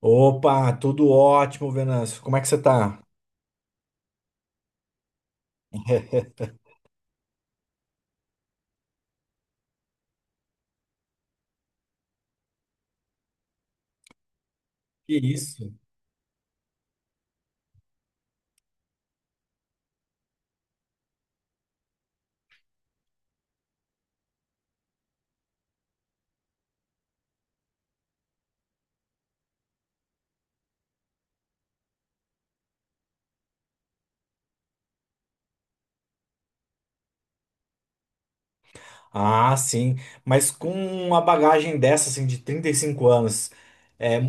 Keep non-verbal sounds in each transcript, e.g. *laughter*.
Opa, tudo ótimo, Venâncio. Como é que você tá? *laughs* Que isso? Ah, sim. Mas com uma bagagem dessa, assim, de 35 anos, é,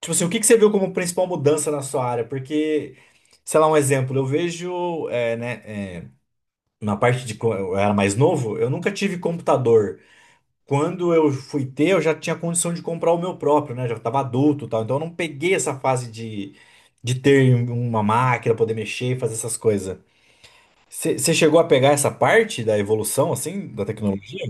tipo assim, o que que você viu como principal mudança na sua área? Porque, sei lá, um exemplo, eu vejo, né, é, na parte de quando eu era mais novo, eu nunca tive computador. Quando eu fui ter, eu já tinha condição de comprar o meu próprio, né? Já estava adulto, e tal. Então eu não peguei essa fase de, de ter uma máquina, poder mexer e fazer essas coisas. Você chegou a pegar essa parte da evolução, assim, da tecnologia?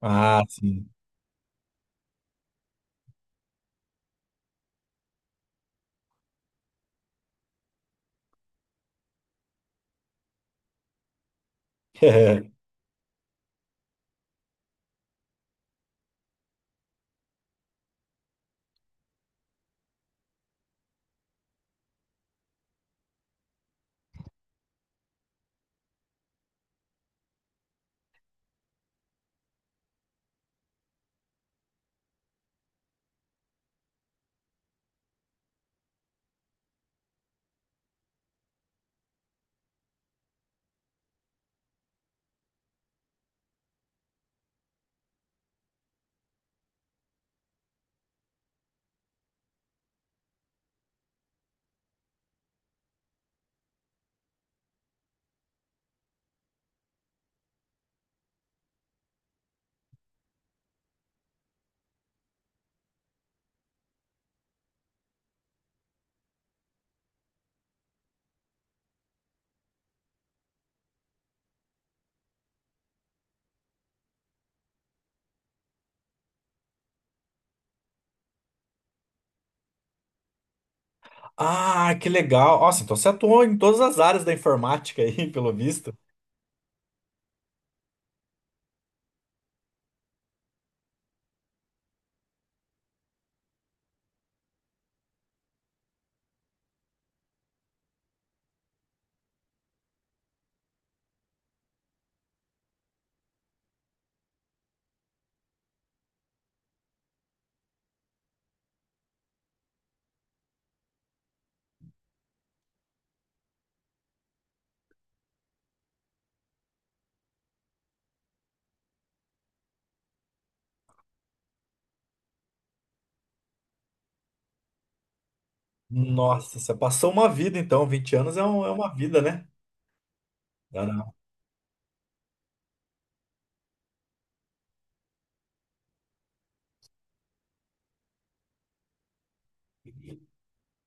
Ah, sim. *laughs* Ah, que legal. Nossa, então você atuou em todas as áreas da informática aí, *laughs* pelo visto. Nossa, você passou uma vida, então. 20 anos é, é uma vida, né? Dá não.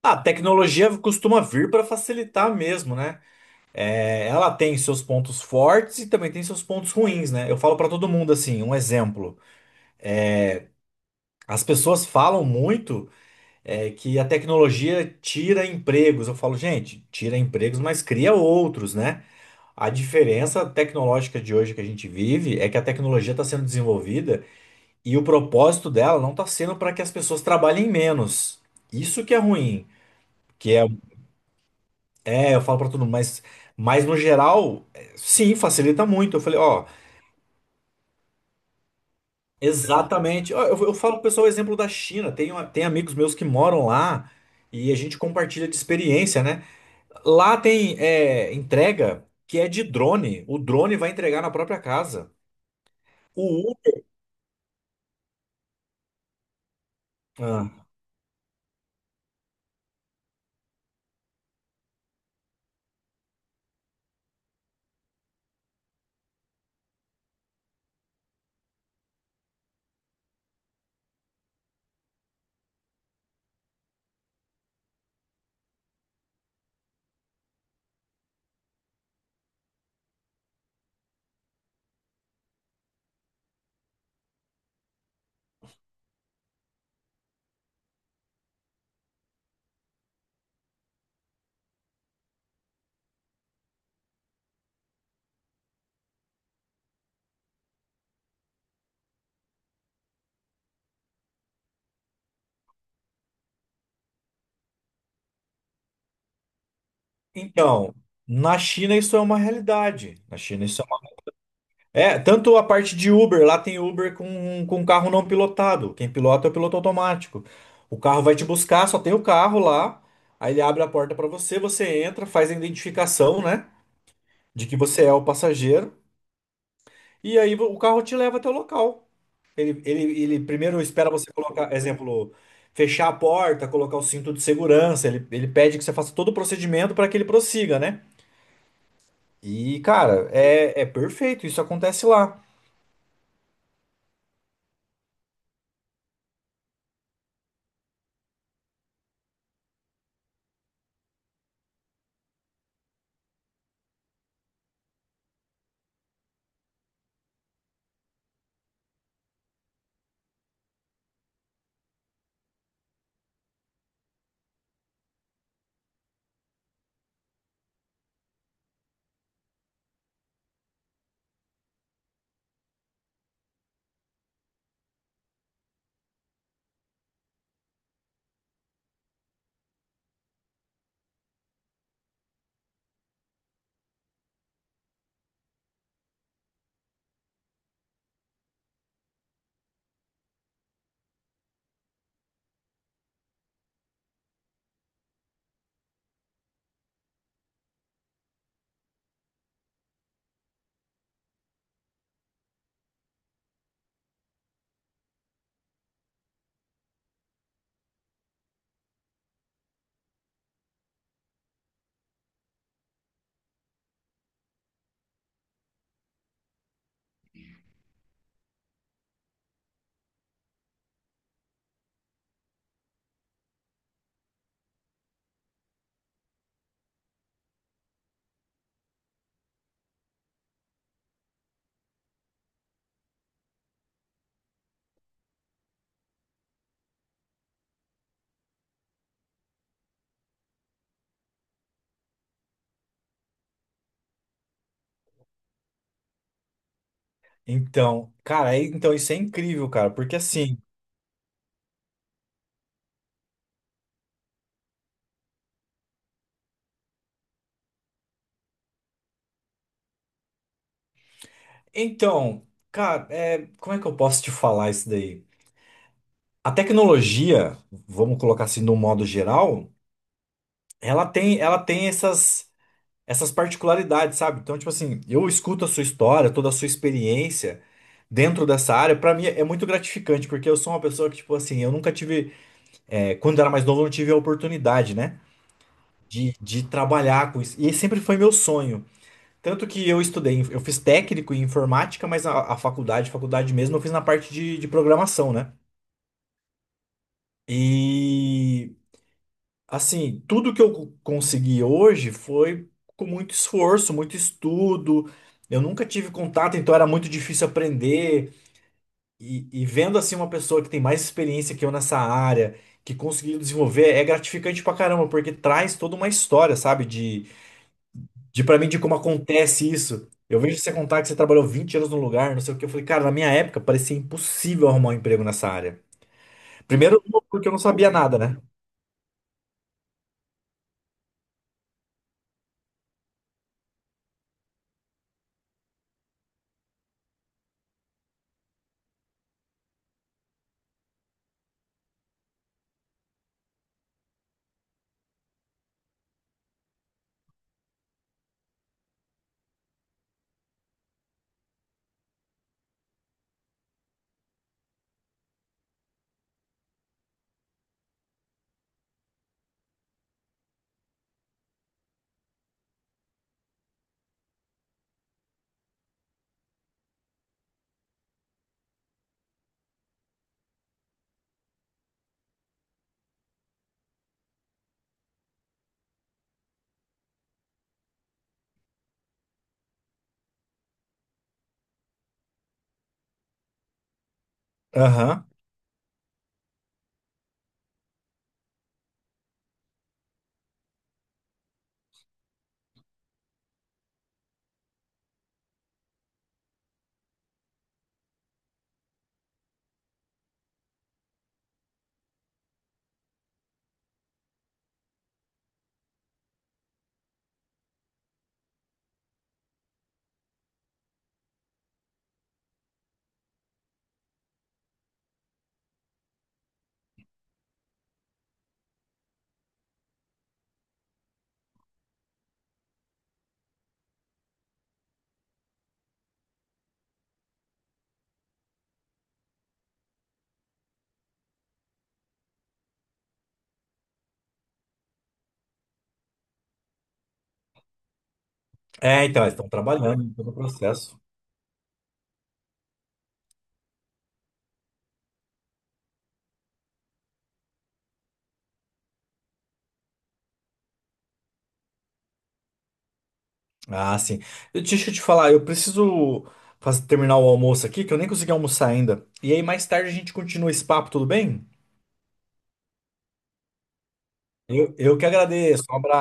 Ah, a tecnologia costuma vir para facilitar mesmo, né? É, ela tem seus pontos fortes e também tem seus pontos ruins, né? Eu falo para todo mundo assim, um exemplo. As pessoas falam muito. É que a tecnologia tira empregos. Eu falo, gente, tira empregos, mas cria outros, né? A diferença tecnológica de hoje que a gente vive é que a tecnologia está sendo desenvolvida e o propósito dela não está sendo para que as pessoas trabalhem menos. Isso que é ruim, que é, eu falo para todo mundo, mas no geral, é, sim, facilita muito. Eu falei, ó, exatamente. Ó, eu falo pro pessoal o exemplo da China. Tem amigos meus que moram lá e a gente compartilha de experiência, né? Lá tem entrega que é de drone. O drone vai entregar na própria casa. O Uber- Ah. Então, na China isso é uma realidade. Na China isso é uma... É, tanto a parte de Uber, lá tem Uber com um carro não pilotado. Quem pilota é o piloto automático. O carro vai te buscar, só tem o carro lá. Aí ele abre a porta para você, você entra, faz a identificação, né, de que você é o passageiro. E aí o carro te leva até o local. Ele primeiro espera você colocar, exemplo, fechar a porta, colocar o cinto de segurança. Ele pede que você faça todo o procedimento para que ele prossiga, né? E, cara, é perfeito. Isso acontece lá. Então, cara, então isso é incrível, cara, porque assim. Então, cara, é, como é que eu posso te falar isso daí? A tecnologia, vamos colocar assim, no modo geral, ela tem essas particularidades, sabe? Então, tipo assim, eu escuto a sua história, toda a sua experiência dentro dessa área, pra mim é muito gratificante, porque eu sou uma pessoa que, tipo assim, eu nunca tive, quando eu era mais novo, eu não tive a oportunidade, né? De trabalhar com isso. E sempre foi meu sonho. Tanto que eu estudei, eu fiz técnico em informática, mas a faculdade, faculdade mesmo, eu fiz na parte de programação, né? E assim, tudo que eu consegui hoje foi com muito esforço, muito estudo. Eu nunca tive contato, então era muito difícil aprender. E vendo assim uma pessoa que tem mais experiência que eu nessa área, que conseguiu desenvolver, é gratificante pra caramba, porque traz toda uma história, sabe? De para mim, de como acontece isso. Eu vejo você contar que você trabalhou 20 anos num lugar, não sei o que. Eu falei, cara, na minha época parecia impossível arrumar um emprego nessa área. Primeiro, porque eu não sabia nada, né? Aham. É, então, eles estão trabalhando em todo o processo. Ah, sim. Deixa eu te falar, eu preciso terminar o almoço aqui, que eu nem consegui almoçar ainda. E aí, mais tarde, a gente continua esse papo, tudo bem? Eu que agradeço. Um abraço.